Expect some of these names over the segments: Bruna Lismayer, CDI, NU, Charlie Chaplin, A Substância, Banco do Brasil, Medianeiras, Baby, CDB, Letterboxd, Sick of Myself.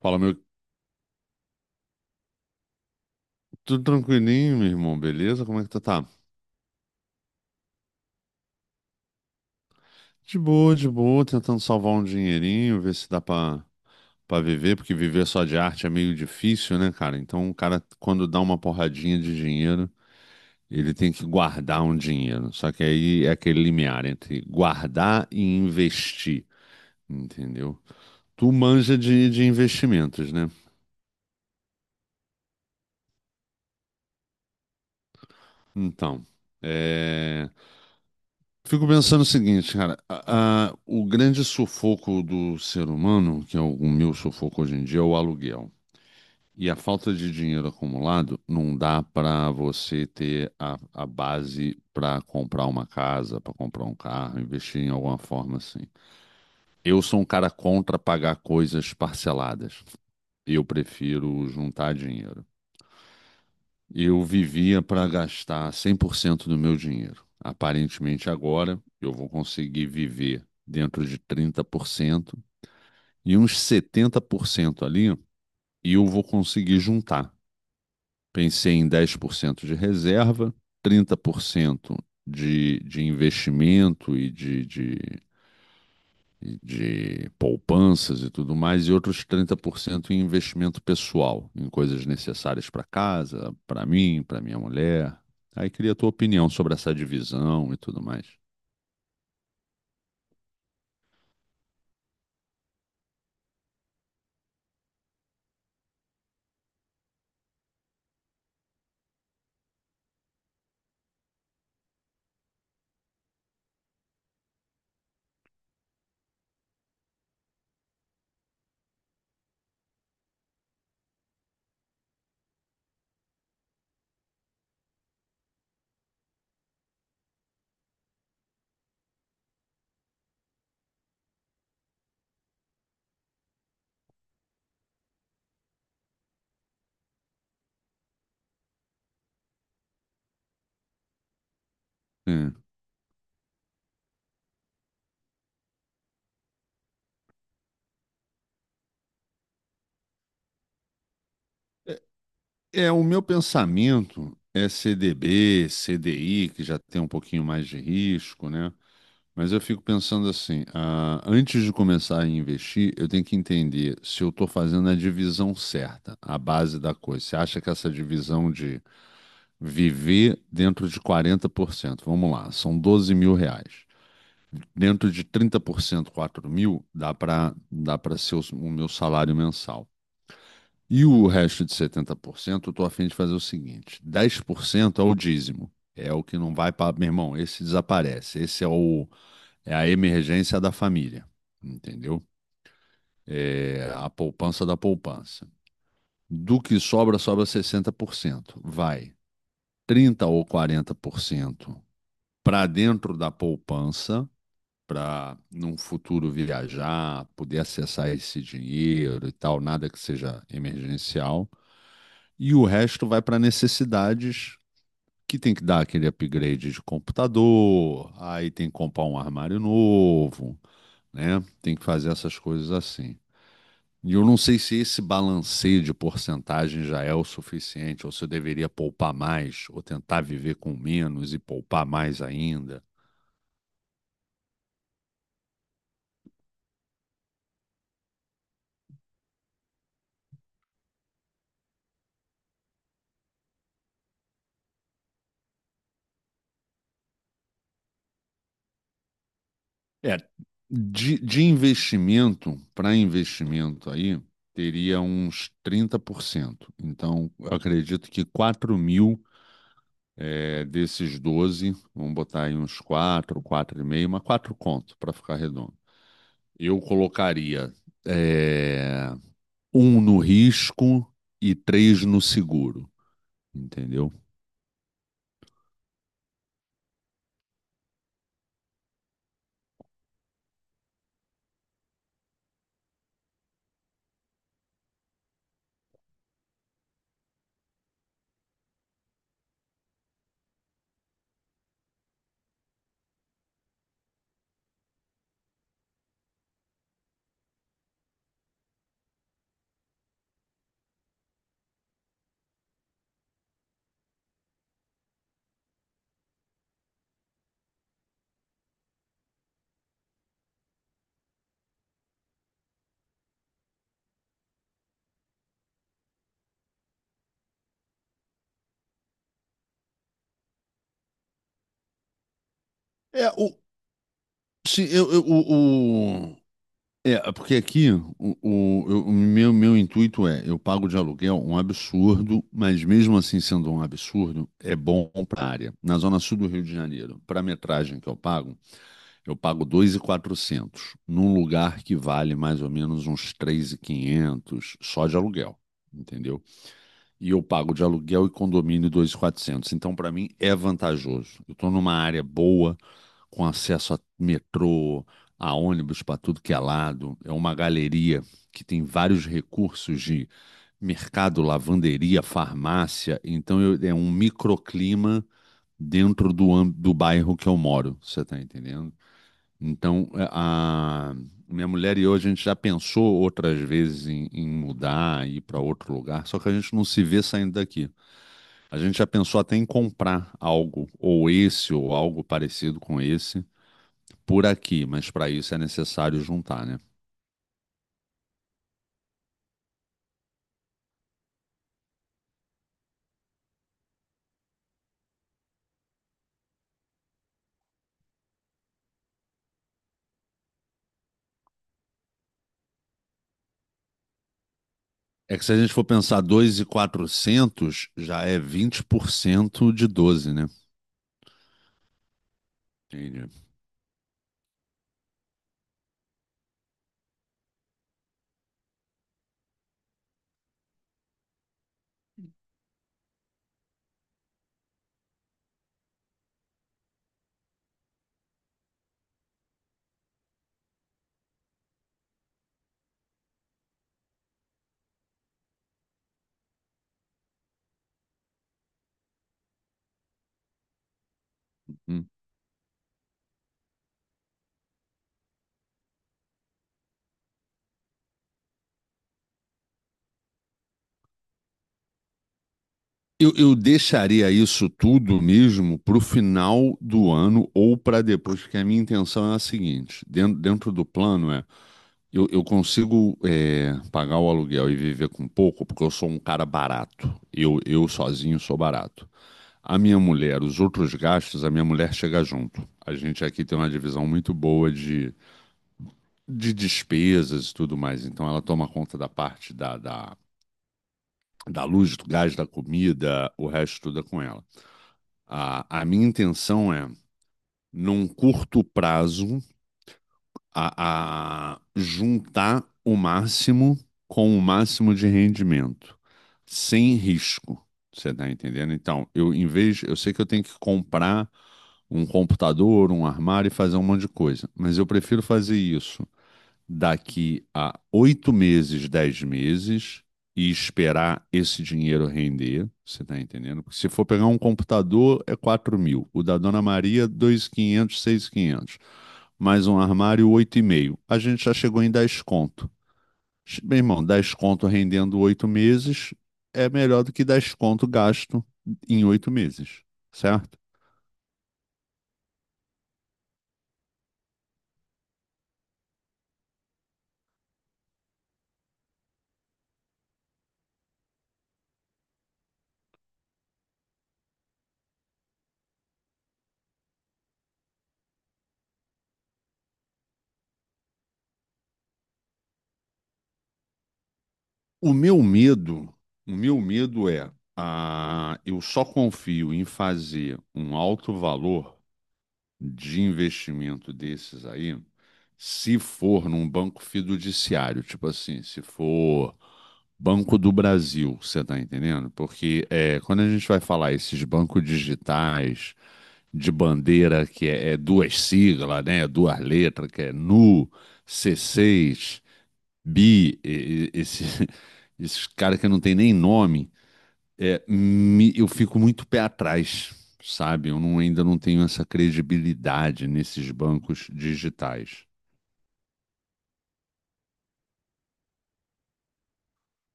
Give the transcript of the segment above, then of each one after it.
Fala, meu. Tudo tranquilinho, meu irmão, beleza? Como é que tu tá? De boa, tentando salvar um dinheirinho, ver se dá pra viver, porque viver só de arte é meio difícil, né, cara? Então, o cara, quando dá uma porradinha de dinheiro, ele tem que guardar um dinheiro. Só que aí é aquele limiar entre guardar e investir, entendeu? Tu manja de investimentos, né? Então, é. Fico pensando o seguinte, cara, o grande sufoco do ser humano, que é o meu sufoco hoje em dia, é o aluguel. E a falta de dinheiro acumulado não dá para você ter a base para comprar uma casa, para comprar um carro, investir em alguma forma assim. Eu sou um cara contra pagar coisas parceladas. Eu prefiro juntar dinheiro. Eu vivia para gastar 100% do meu dinheiro. Aparentemente, agora eu vou conseguir viver dentro de 30% e uns 70% ali e eu vou conseguir juntar. Pensei em 10% de reserva, 30% de investimento e de poupanças e tudo mais, e outros 30% em investimento pessoal, em coisas necessárias para casa, para mim, para minha mulher. Aí queria a tua opinião sobre essa divisão e tudo mais. É. É, é, o meu pensamento é CDB, CDI, que já tem um pouquinho mais de risco, né? Mas eu fico pensando assim, ah, antes de começar a investir, eu tenho que entender se eu estou fazendo a divisão certa, a base da coisa. Você acha que essa divisão de viver dentro de 40%? Vamos lá, são R$ 12.000. Dentro de 30%, 4 mil, dá para ser o meu salário mensal. E o resto de 70%, eu estou a fim de fazer o seguinte: 10% é o dízimo. É o que não vai para. Meu irmão, esse desaparece. Esse é a emergência da família. Entendeu? É a poupança da poupança. Do que sobra, sobra 60%. Vai 30% ou 40% para dentro da poupança, para num futuro viajar, poder acessar esse dinheiro e tal, nada que seja emergencial. E o resto vai para necessidades que tem que dar aquele upgrade de computador, aí tem que comprar um armário novo, né? Tem que fazer essas coisas assim. E eu não sei se esse balanceio de porcentagem já é o suficiente, ou se eu deveria poupar mais, ou tentar viver com menos e poupar mais ainda. É, de investimento para investimento aí, teria uns 30%. Então, eu acredito que 4.000 é, desses 12, vamos botar aí uns quatro, quatro e meio, mas 4 conto para ficar redondo. Eu colocaria é, um no risco e três no seguro, entendeu? É, o, sim. É porque aqui o meu intuito é, eu pago de aluguel um absurdo, mas mesmo assim sendo um absurdo, é bom para a área. Na zona sul do Rio de Janeiro, para a metragem que eu pago, eu pago 2.400 num lugar que vale mais ou menos uns 3.500 só de aluguel, entendeu? E eu pago de aluguel e condomínio 2.400. Então, para mim, é vantajoso. Eu estou numa área boa, com acesso a metrô, a ônibus para tudo que é lado. É uma galeria que tem vários recursos de mercado, lavanderia, farmácia. Então, eu- é um microclima dentro do bairro que eu moro, você está entendendo? Então, minha mulher e eu, a gente já pensou outras vezes em mudar, ir para outro lugar, só que a gente não se vê saindo daqui. A gente já pensou até em comprar algo, ou esse, ou algo parecido com esse, por aqui, mas para isso é necessário juntar, né? É que se a gente for pensar 2.400 já é 20% de 12, né? Entendi. Eu deixaria isso tudo mesmo para o final do ano ou para depois, porque a minha intenção é a seguinte: dentro do plano é eu consigo pagar o aluguel e viver com pouco, porque eu sou um cara barato. Eu sozinho sou barato. A minha mulher, os outros gastos, a minha mulher chega junto. A gente aqui tem uma divisão muito boa de despesas e tudo mais. Então ela toma conta da parte da luz, do gás, da comida, o resto tudo é com ela. A minha intenção é, num curto prazo, a juntar o máximo com o máximo de rendimento, sem risco. Você tá entendendo? Então, eu em vez, eu sei que eu tenho que comprar um computador, um armário e fazer um monte de coisa, mas eu prefiro fazer isso daqui a 8 meses, 10 meses e esperar esse dinheiro render, você tá entendendo? Porque se for pegar um computador, é 4.000. O da Dona Maria, 2,500, quinhentos. Mais um armário, oito e meio. A gente já chegou em 10 conto. Meu irmão, 10 conto rendendo 8 meses é melhor do que 10 conto gasto em 8 meses, certo? O meu medo, o meu medo é, eu só confio em fazer um alto valor de investimento desses aí, se for num banco fiduciário, tipo assim, se for Banco do Brasil, você tá entendendo? Porque é, quando a gente vai falar esses bancos digitais de bandeira que é duas siglas, né, duas letras, que é NU, C6 Bi, esses caras que não tem nem nome, eu fico muito pé atrás, sabe? Eu não- Ainda não tenho essa credibilidade nesses bancos digitais.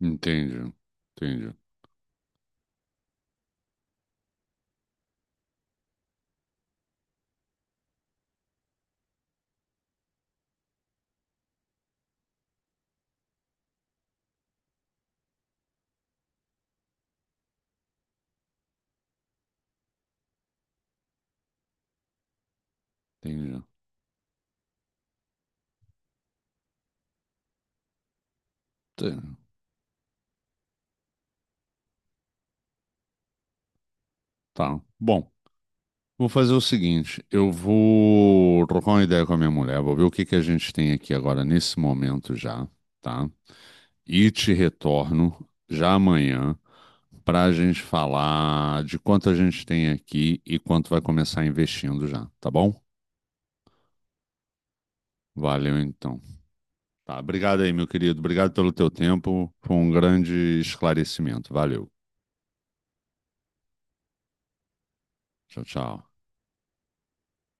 Entende? Entende? Entende? Tá. Tá. Bom, vou fazer o seguinte: eu vou trocar uma ideia com a minha mulher, vou ver o que que a gente tem aqui agora nesse momento já, tá? E te retorno já amanhã para a gente falar de quanto a gente tem aqui e quanto vai começar investindo já, tá bom? Valeu então. Tá, obrigado aí, meu querido. Obrigado pelo teu tempo. Foi um grande esclarecimento. Valeu. Tchau, tchau.